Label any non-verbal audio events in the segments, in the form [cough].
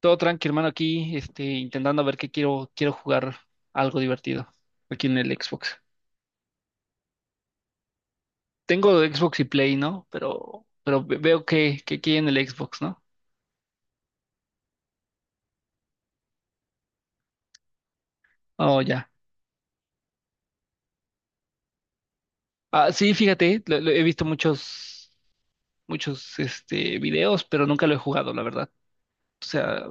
Todo tranqui, hermano, aquí, intentando ver qué quiero jugar algo divertido aquí en el Xbox. Tengo Xbox y Play, ¿no? Pero veo que aquí en el Xbox, ¿no? Oh, ya. Ah, sí, fíjate, he visto videos, pero nunca lo he jugado, la verdad. O sea,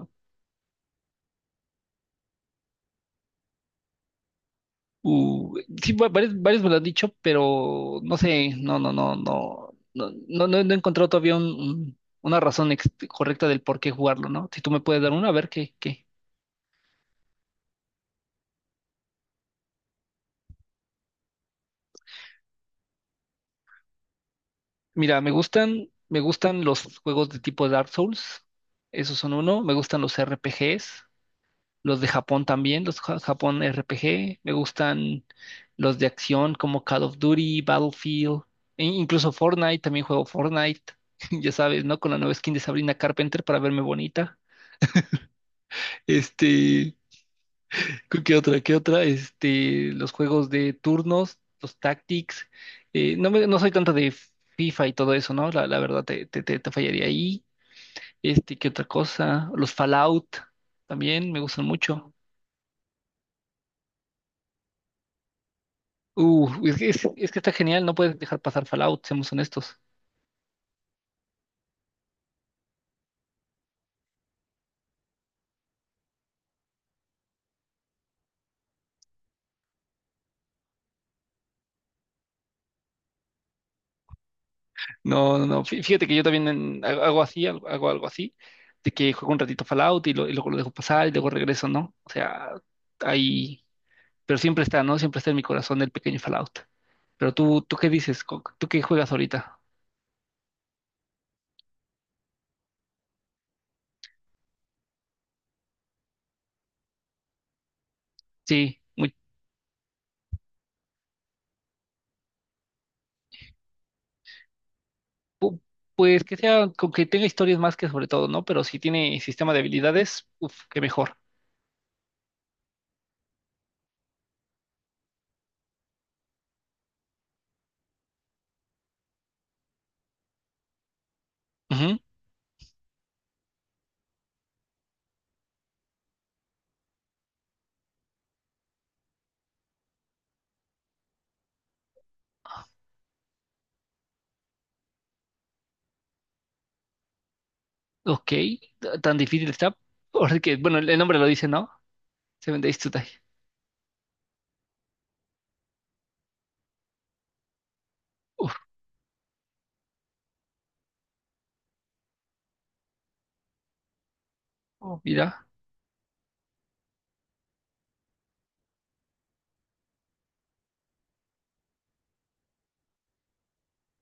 uh, sí, varios me lo han dicho, pero no sé, no, no, no, no, no, no, no he encontrado todavía un, una razón correcta del por qué jugarlo, ¿no? Si tú me puedes dar una, a ver qué, qué. Mira, me gustan los juegos de tipo Dark Souls. Esos son uno. Me gustan los RPGs, los de Japón también, los Japón RPG. Me gustan los de acción como Call of Duty, Battlefield, e incluso Fortnite. También juego Fortnite. [laughs] Ya sabes, ¿no? Con la nueva skin de Sabrina Carpenter para verme bonita. Este, qué otra? ¿Qué otra? Los juegos de turnos, los tactics. No soy tanto de FIFA y todo eso, ¿no? La verdad te fallaría ahí. ¿Qué otra cosa? Los Fallout también me gustan mucho. Es que, es que está genial, no puedes dejar pasar Fallout, seamos honestos. No, no, no. Fíjate que yo también hago así, hago algo así, de que juego un ratito Fallout y, y luego lo dejo pasar y luego regreso, ¿no? O sea, ahí, pero siempre está, ¿no? Siempre está en mi corazón el pequeño Fallout. Pero tú, ¿tú qué dices? ¿Tú qué juegas ahorita? Sí, muy, pu- pues que sea, con que tenga historias más que sobre todo, ¿no? Pero si tiene sistema de habilidades, uff, qué mejor. Ok, tan difícil está, porque, bueno, el nombre lo dice, ¿no? Seven Days to Die. Uf, oh, mira,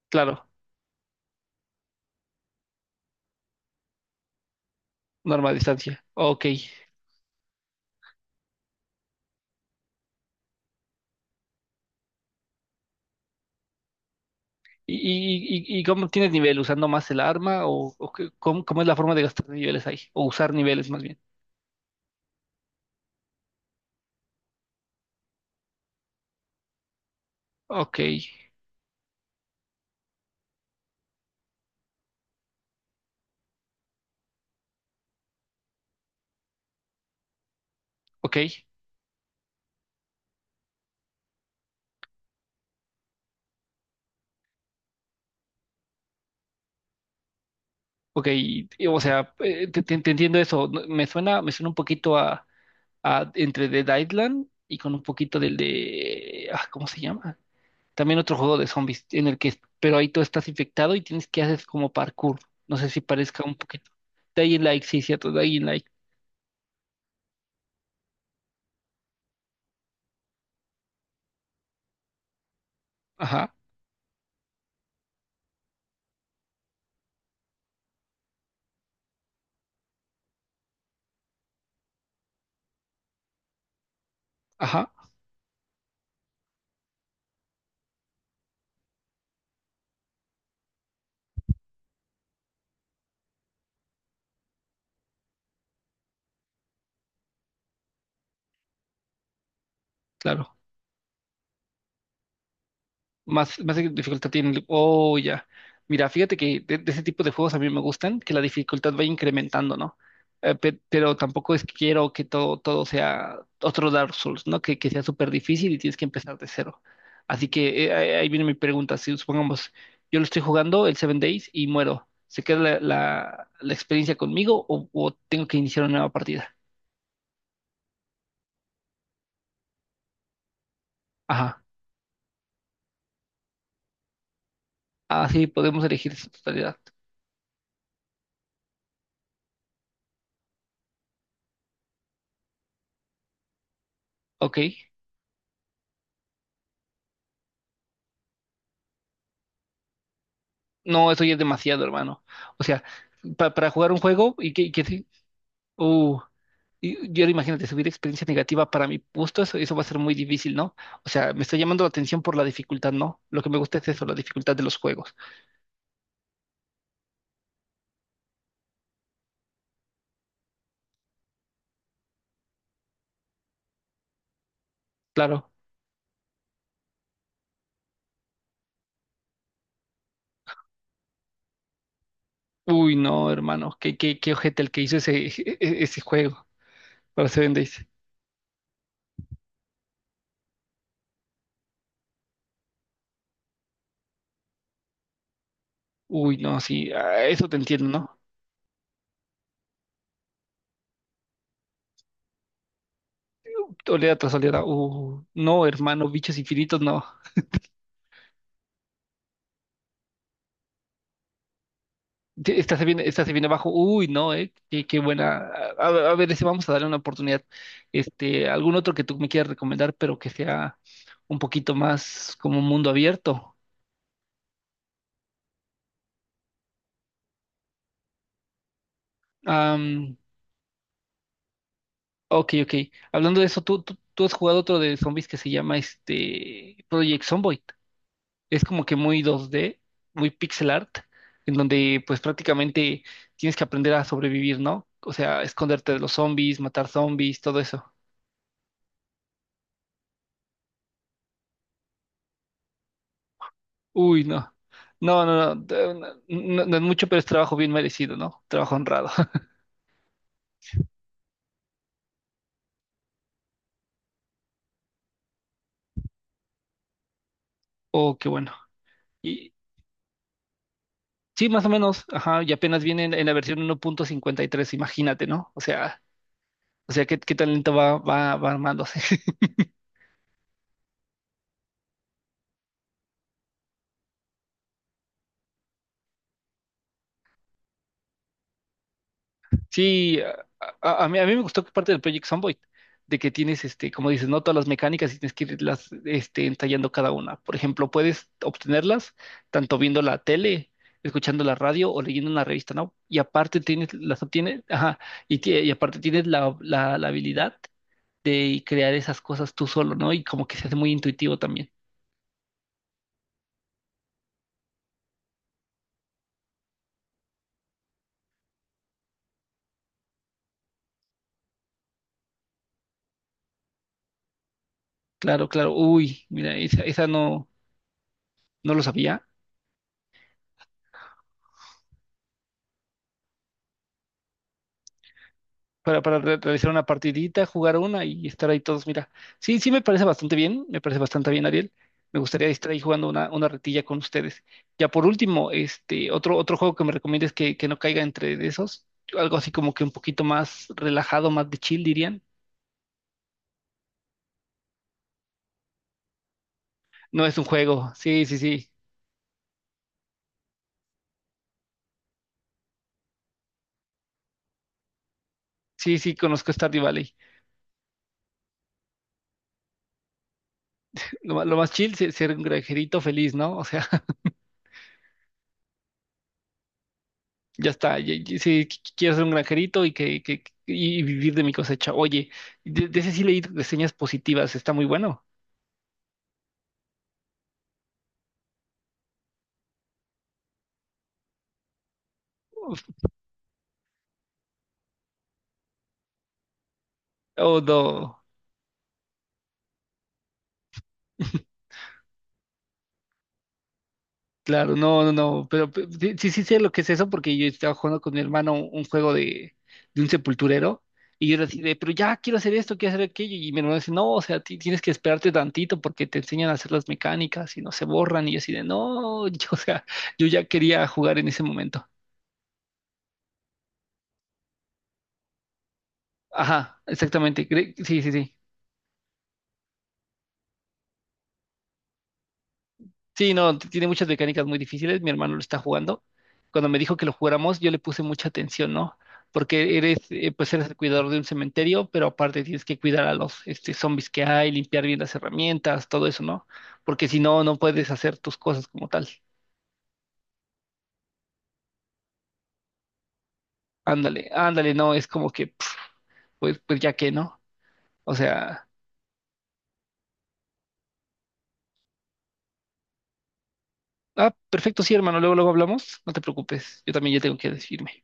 claro, norma de distancia. Ok. ¿Y cómo tienes nivel? ¿Usando más el arma? ¿O cómo es la forma de gastar niveles ahí? O usar niveles más bien. Ok, ok, ok. O sea, te entiendo eso. No, me suena un poquito a, entre The Island y con un poquito ah, ¿cómo se llama? También otro juego de zombies en el que, pero ahí tú estás infectado y tienes que hacer como parkour. No sé si parezca un poquito. Dying Light, sí, cierto, Dying Light. Ajá, ajá, claro. Más dificultad tiene. Oh, ya. Mira, fíjate que de ese tipo de juegos a mí me gustan, que la dificultad va incrementando, ¿no? Pero tampoco es que quiero que todo sea otro Dark Souls, ¿no? Que sea súper difícil y tienes que empezar de cero. Así que ahí viene mi pregunta. Si supongamos, yo lo estoy jugando el Seven Days y muero, ¿se queda la, la experiencia conmigo o tengo que iniciar una nueva partida? Ajá. Así podemos elegir su totalidad. Ok. No, eso ya es demasiado, hermano. O sea, para jugar un juego y que sí, uh, y ahora imagínate, subir experiencia negativa para mi gusto, eso va a ser muy difícil, ¿no? O sea, me está llamando la atención por la dificultad, ¿no? Lo que me gusta es eso, la dificultad de los juegos. Claro. Uy, no, hermano, qué ojete el que hizo ese, [laughs] ese juego para Seven Days. Uy, no, sí, ah, eso te entiendo, ¿no? Oleada tras oleada. No, hermano, bichos infinitos, no. Sí, esta se viene, esta se viene abajo. Uy, no. Qué buena. A ver, ese vamos a darle una oportunidad. Algún otro que tú me quieras recomendar, pero que sea un poquito más como un mundo abierto. Am, ok, ok. Hablando de eso, ¿tú has jugado otro de zombies que se llama Project Zomboid. Es como que muy 2D, muy pixel art, en donde pues prácticamente tienes que aprender a sobrevivir, ¿no? O sea, esconderte de los zombies, matar zombies, todo eso. Uy, no. No, no, no, no es mucho, pero es trabajo bien merecido, ¿no? Trabajo honrado. [laughs] Oh, qué bueno. Y sí, más o menos, ajá, y apenas viene en, la versión 1.53 imagínate, ¿no? O sea, qué talento va armándose. [laughs] Sí, a mí me gustó que parte del Project Zomboid, de que tienes, como dices, no todas las mecánicas y tienes que irlas, ensayando cada una. Por ejemplo, puedes obtenerlas tanto viendo la tele, escuchando la radio o leyendo una revista, ¿no? Y aparte tienes, las obtienes, ajá, y aparte tienes la habilidad de crear esas cosas tú solo, ¿no? Y como que se hace muy intuitivo también. Claro, claro. Uy, mira, esa no, no lo sabía. Para realizar una partidita, jugar una y estar ahí todos. Mira, sí, sí me parece bastante bien, me parece bastante bien, Ariel. Me gustaría estar ahí jugando una, retilla con ustedes. Ya por último, otro juego que me recomiendes que no caiga entre de esos, algo así como que un poquito más relajado, más de chill, dirían. No es un juego, sí, sí, sí. Sí, sí, conozco Stardew Valley. Lo más chill es ser un granjerito feliz, ¿no? O sea, ya está, sí, quiero ser un granjerito y vivir de mi cosecha. Oye, de ese sí leí reseñas positivas, está muy bueno. Uf, oh, no. [laughs] Claro, no, no, no, pero sí, sí, sí sé lo que es eso porque yo estaba jugando con mi hermano un juego de un sepulturero y yo decía, pero ya quiero hacer esto, quiero hacer aquello y mi hermano dice, no, o sea, tienes que esperarte tantito porque te enseñan a hacer las mecánicas y no se borran y yo así de, no, [laughs] yo, o sea, yo ya quería jugar en ese momento. Ajá, exactamente, sí, sí, sí. Sí, no, tiene muchas mecánicas muy difíciles. Mi hermano lo está jugando. Cuando me dijo que lo jugáramos, yo le puse mucha atención, ¿no? Porque pues eres el cuidador de un cementerio, pero aparte tienes que cuidar a los zombies que hay, limpiar bien las herramientas, todo eso, ¿no? Porque si no, no puedes hacer tus cosas como tal. Ándale, ándale, no, es como que, pf, pues ya que, ¿no? O sea, ah, perfecto, sí, hermano, luego hablamos, no te preocupes, yo también ya tengo que despedirme.